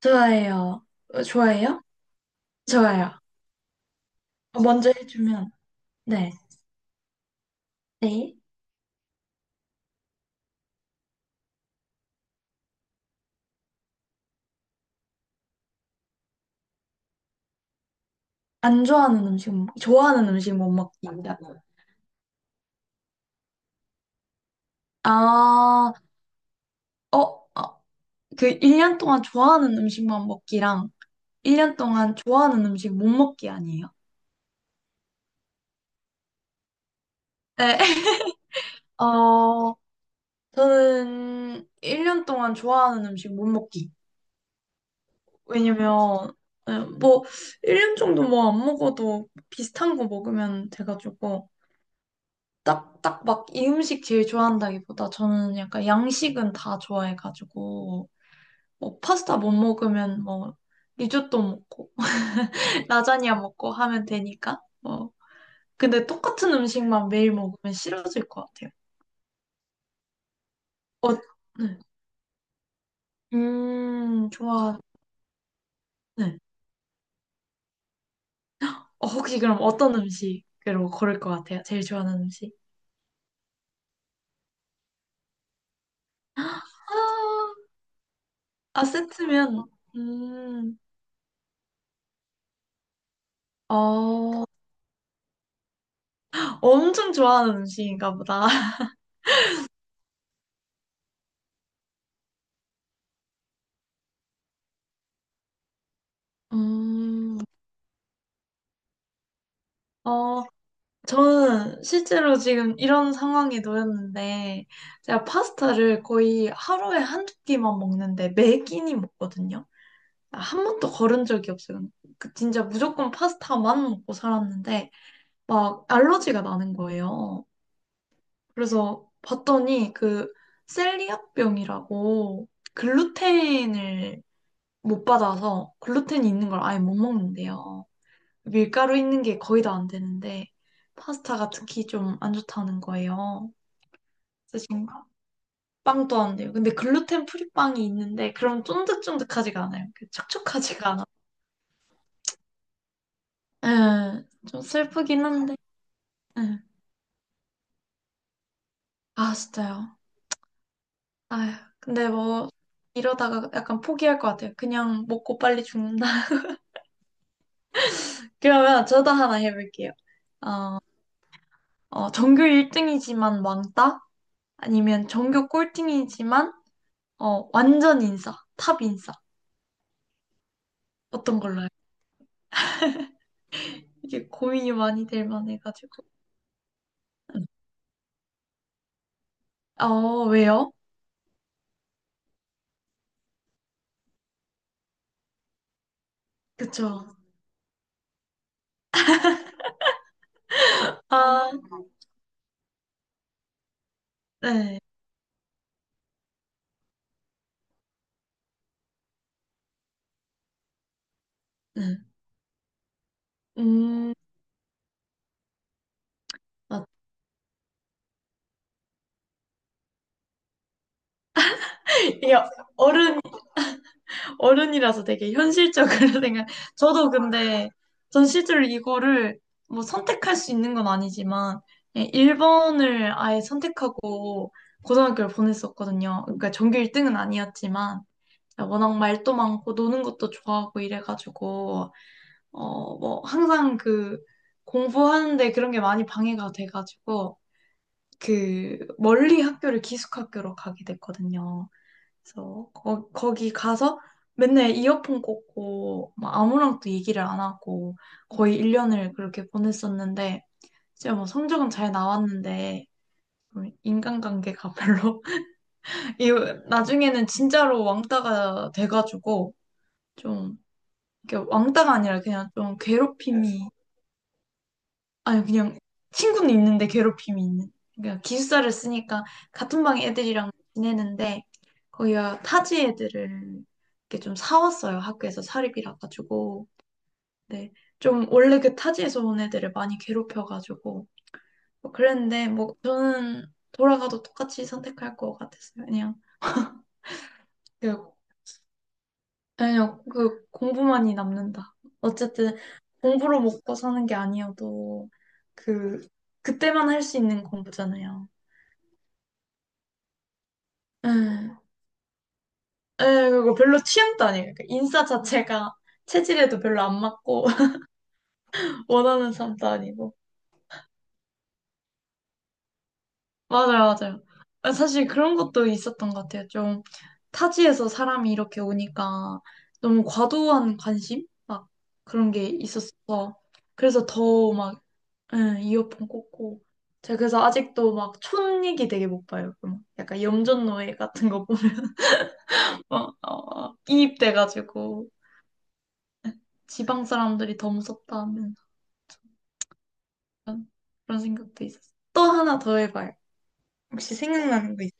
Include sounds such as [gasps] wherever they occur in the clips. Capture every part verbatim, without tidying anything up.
좋아해요. 어, 좋아해요? 좋아요. 어, 먼저 해주면, 네. 네. 안 좋아하는 음식, 못- 좋아하는 음식 못 먹기. 아, 어, 그 일 년 동안 좋아하는 음식만 먹기랑 일 년 동안 좋아하는 음식 못 먹기 아니에요? 네. [laughs] 어, 저는 일 년 동안 좋아하는 음식 못 먹기. 왜냐면, 네, 뭐, 일 년 정도 뭐 안 먹어도 비슷한 거 먹으면 돼가지고. 딱, 딱 막 이 음식 제일 좋아한다기보다 저는 약간 양식은 다 좋아해가지고 뭐 파스타 못 먹으면 뭐 리조또 먹고 [laughs] 라자냐 먹고 하면 되니까 뭐 근데 똑같은 음식만 매일 먹으면 싫어질 것 같아요. 어, 네. 음, 좋아. 네. 어, 혹시 그럼 어떤 음식으로 고를 것 같아요? 제일 좋아하는 음식? 아, 아, 세트면 음, 어, 엄청 좋아하는 음식인가 보다. [laughs] 음, 어, 저는 실제로 지금 이런 상황에 놓였는데, 제가 파스타를 거의 하루에 한 두 끼만 먹는데, 매 끼니 먹거든요. 아, 한 번도 거른 적이 없어요. 그 진짜 무조건 파스타만 먹고 살았는데, 막 알러지가 나는 거예요. 그래서 봤더니 그 셀리악병이라고 글루텐을 못 받아서 글루텐이 있는 걸 아예 못 먹는데요. 밀가루 있는 게 거의 다 안 되는데 파스타가 특히 좀 안 좋다는 거예요. 쓰신가? 빵도 안 돼요. 근데 글루텐 프리 빵이 있는데 그럼 쫀득쫀득하지가 않아요. 그 촉촉하지가 않아. 예, 좀 슬프긴 한데. 예. 아, 진짜요. 아휴, 근데 뭐 이러다가 약간 포기할 것 같아요. 그냥 먹고 빨리 죽는다. [laughs] 그러면 저도 하나 해볼게요. 어, 전교 일 등이지만 왕따? 아니면 전교 꼴등이지만 어, 완전 인싸, 탑 인싸. 어떤 걸로 해요? 이게 고민이 많이 될 만해가지고. 어, 왜요? 그쵸. 아, 네. 네. 음, 맞- 이게 어른, 어른이라서 되게 현실적으로 [laughs] 생각, 저도 근데, 전 실제로 이거를 뭐 선택할 수 있는 건 아니지만, 일 번을 아예 선택하고 고등학교를 보냈었거든요. 그러니까 전교 일 등은 아니었지만, 워낙 말도 많고 노는 것도 좋아하고 이래가지고, 어, 뭐, 항상 그, 공부하는데 그런 게 많이 방해가 돼가지고, 그, 멀리 학교를 기숙학교로 가게 됐거든요. 그래서, 거, 거기 가서 맨날 이어폰 꽂고, 막 아무랑도 얘기를 안 하고, 거의 일 년을 그렇게 보냈었는데, 이제 뭐 성적은 잘 나왔는데, 음, 인간관계가 별로, [laughs] 이 나중에는 진짜로 왕따가 돼가지고, 좀, 이렇게 왕따가 아니라 그냥 좀 괴롭힘이 아니 그냥 친구는 있는데 괴롭힘이 있는. 그러니까 기숙사를 쓰니까 같은 방 애들이랑 지내는데 거기가 타지 애들을 이렇게 좀 사왔어요. 학교에서 사립이라 가지고. 네. 좀 원래 그 타지에서 온 애들을 많이 괴롭혀 가지고 뭐 그랬는데 뭐 저는 돌아가도 똑같이 선택할 것 같았어요. 그냥 그 그냥 그 공부만이 남는다. 어쨌든 공부로 먹고 사는 게 아니어도 그 그때만 할 수 있는 공부잖아요. 에, 에, 그거 별로 취향도 아니에요. 그러니까 인싸 자체가 체질에도 별로 안 맞고, [laughs] 원하는 사람도 아니고. 맞아요, 맞아요. 아, 사실 그런 것도 있었던 것 같아요. 좀 타지에서 사람이 이렇게 오니까 너무 과도한 관심? 막 그런 게 있었어. 그래서 더 막, 응 이어폰 꽂고. 제가 그래서 아직도 막 촌얘기 되게 못 봐요. 그럼 약간 염전노예 같은 거 보면 [laughs] 막, 어, 어, 이입돼가지고 지방 사람들이 더 무섭다. 그런 그런 생각도 있었어. 또 하나 더 해봐요. 혹시 생각나는 거 있어요?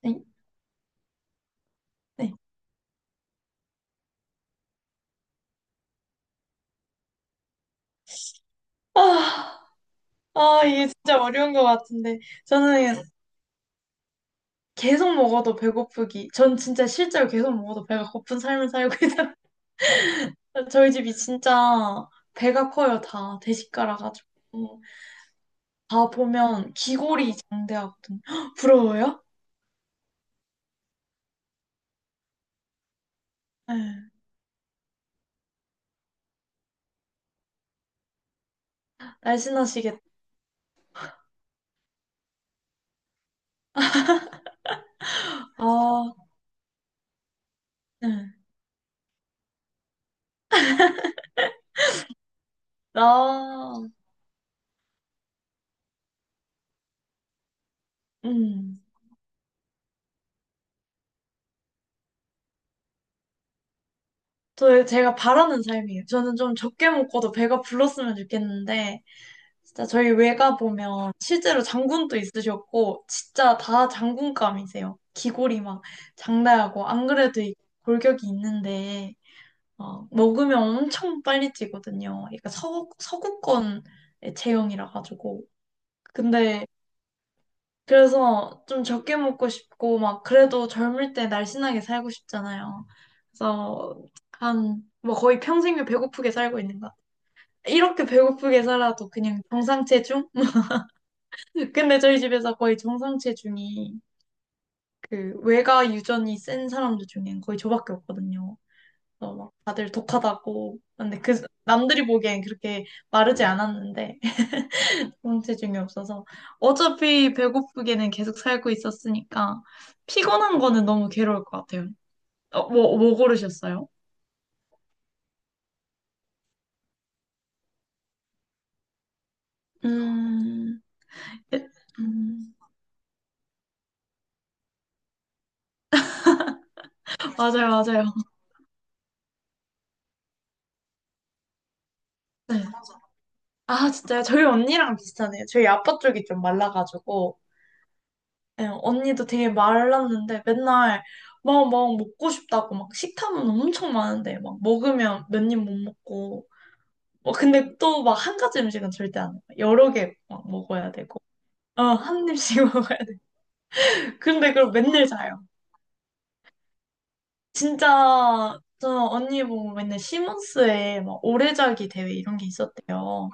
네. 네. 아, 아, 이게 진짜 어려운 것 같은데. 저는 계속 먹어도 배고프기. 전 진짜 실제로 계속 먹어도 배가 고픈 삶을 살고 있어요. [laughs] 저희 집이 진짜 배가 커요, 다. 대식가라가지고. 다 보면 기골이 장대하거든요. [gasps] 부러워요? 네. 날씬하시겠다. 아, 네. 나, 음. 저, 제가 바라는 삶이에요. 저는 좀 적게 먹고도 배가 불렀으면 좋겠는데, 진짜 저희 외가 보면 실제로 장군도 있으셨고, 진짜 다 장군감이세요. 기골이 막 장대하고, 안 그래도 이 골격이 있는데, 어, 먹으면 엄청 빨리 찌거든요. 그러니까 서구, 서구권의 체형이라 가지고. 근데 그래서 좀 적게 먹고 싶고, 막, 그래도 젊을 때 날씬하게 살고 싶잖아요. 그래서, 한, 뭐 거의 평생을 배고프게 살고 있는 것 같아요. 이렇게 배고프게 살아도 그냥 정상 체중? [laughs] 근데 저희 집에서 거의 정상 체중이 그 외가 유전이 센 사람들 중엔 거의 저밖에 없거든요. 그래서 막 다들 독하다고. 근데 그, 남들이 보기엔 그렇게 마르지 않았는데, 공체중이 없어서 어차피 배고프게는 계속 살고 있었으니까 피곤한 거는 너무 괴로울 것 같아요. 어, 뭐, 뭐 고르셨어요? 음, 에, 음, 맞아요, 맞아요. 네. 아, 진짜요? 저희 언니랑 비슷하네요. 저희 아빠 쪽이 좀 말라가지고, 예, 언니도 되게 말랐는데 맨날 막, 막 먹고 싶다고 막 식탐은 엄청 많은데 막 먹으면 몇 입 못 먹고, 뭐 근데 또 막 한 가지 음식은 절대 안 해요. 여러 개 막 먹어야 되고. 어, 한 입씩 [laughs] 먹어야 돼. 근데 그걸 맨날 자요. 진짜 저 언니 보고 맨날 시몬스에 막 오래자기 대회 이런 게 있었대요.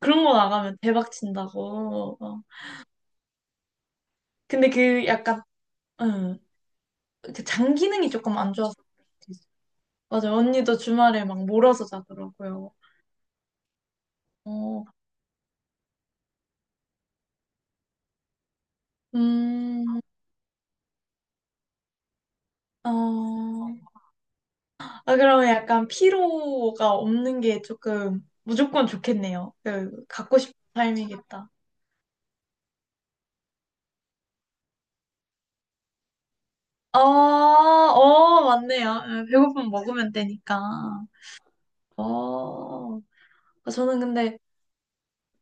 그런 거 나가면 대박 친다고. 어. 근데 그 약간 응, 그장 기능이 조금 안 좋아서 그럴 수도 있어요. 맞아요. 언니도 주말에 막 몰아서 자더라고요. 어, 음, 어, 아, 그러면 약간 피로가 없는 게 조금 무조건 좋겠네요. 그, 갖고 싶은 삶이겠다. 어, 어, 맞네요. 예, 배고프면 먹으면 되니까. 어, 그러니까 저는 근데,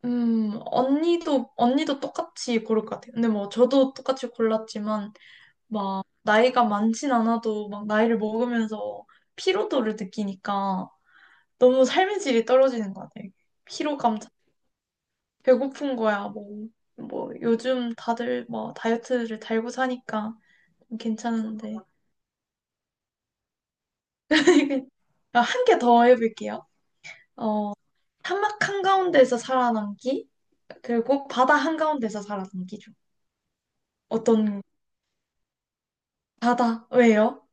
음, 언니도, 언니도 똑같이 고를 것 같아요. 근데 뭐, 저도 똑같이 골랐지만, 막, 나이가 많진 않아도, 막, 나이를 먹으면서 피로도를 느끼니까, 너무 삶의 질이 떨어지는 것 같아요. 피로감, 배고픈 거야, 뭐. 뭐, 요즘 다들 뭐, 다이어트를 달고 사니까 괜찮은데. [laughs] 한 개 더 해볼게요. 어, 사막 한가운데에서 살아남기, 그리고 바다 한가운데서 살아남기죠. 어떤 바다? 왜요?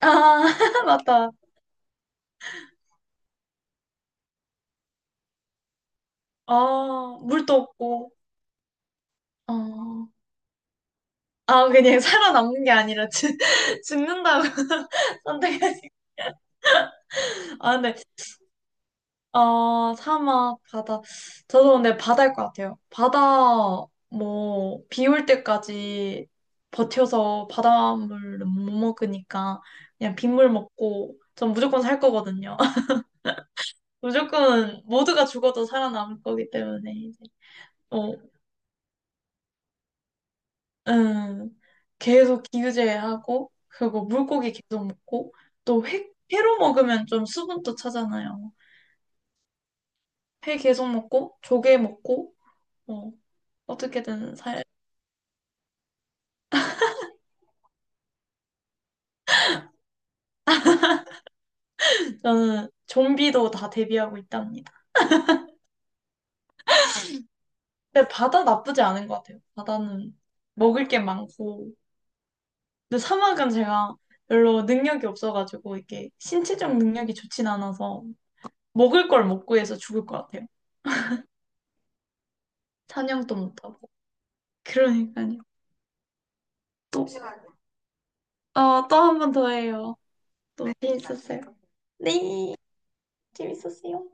아, [laughs] 맞다. 아, 물도 없고. 어. 아, 그냥 [laughs] 살아남는 게 아니라 죽, [laughs] 죽는다고 [laughs] 선택하시. 아, 근데 어, 사막, 바다. 저도 근데 바다일 것 같아요. 바다 뭐 비 올 때까지 버텨서 바닷물은 못 먹으니까 그냥 빗물 먹고 전 무조건 살 거거든요. 무조건 모두가 죽어도 살아남을 거기 때문에 이제 어, 음, 계속 기우제하고 그리고 물고기 계속 먹고 또 회, 회로 먹으면 좀 수분도 차잖아요. 회 계속 먹고 조개 먹고 어, 어떻게든 살 저는 좀비도 다 대비하고 있답니다. 근데 바다 나쁘지 않은 것 같아요. 바다는 먹을 게 많고 근데 사막은 제가 별로 능력이 없어가지고 이게 신체적 능력이 좋진 않아서 먹을 걸 못 구해서 죽을 것 같아요. 사냥도 못 하고. 그러니까요. 또, 어, 또 한 번 더 해요. 또 재밌었어요. 네, 재밌었어요.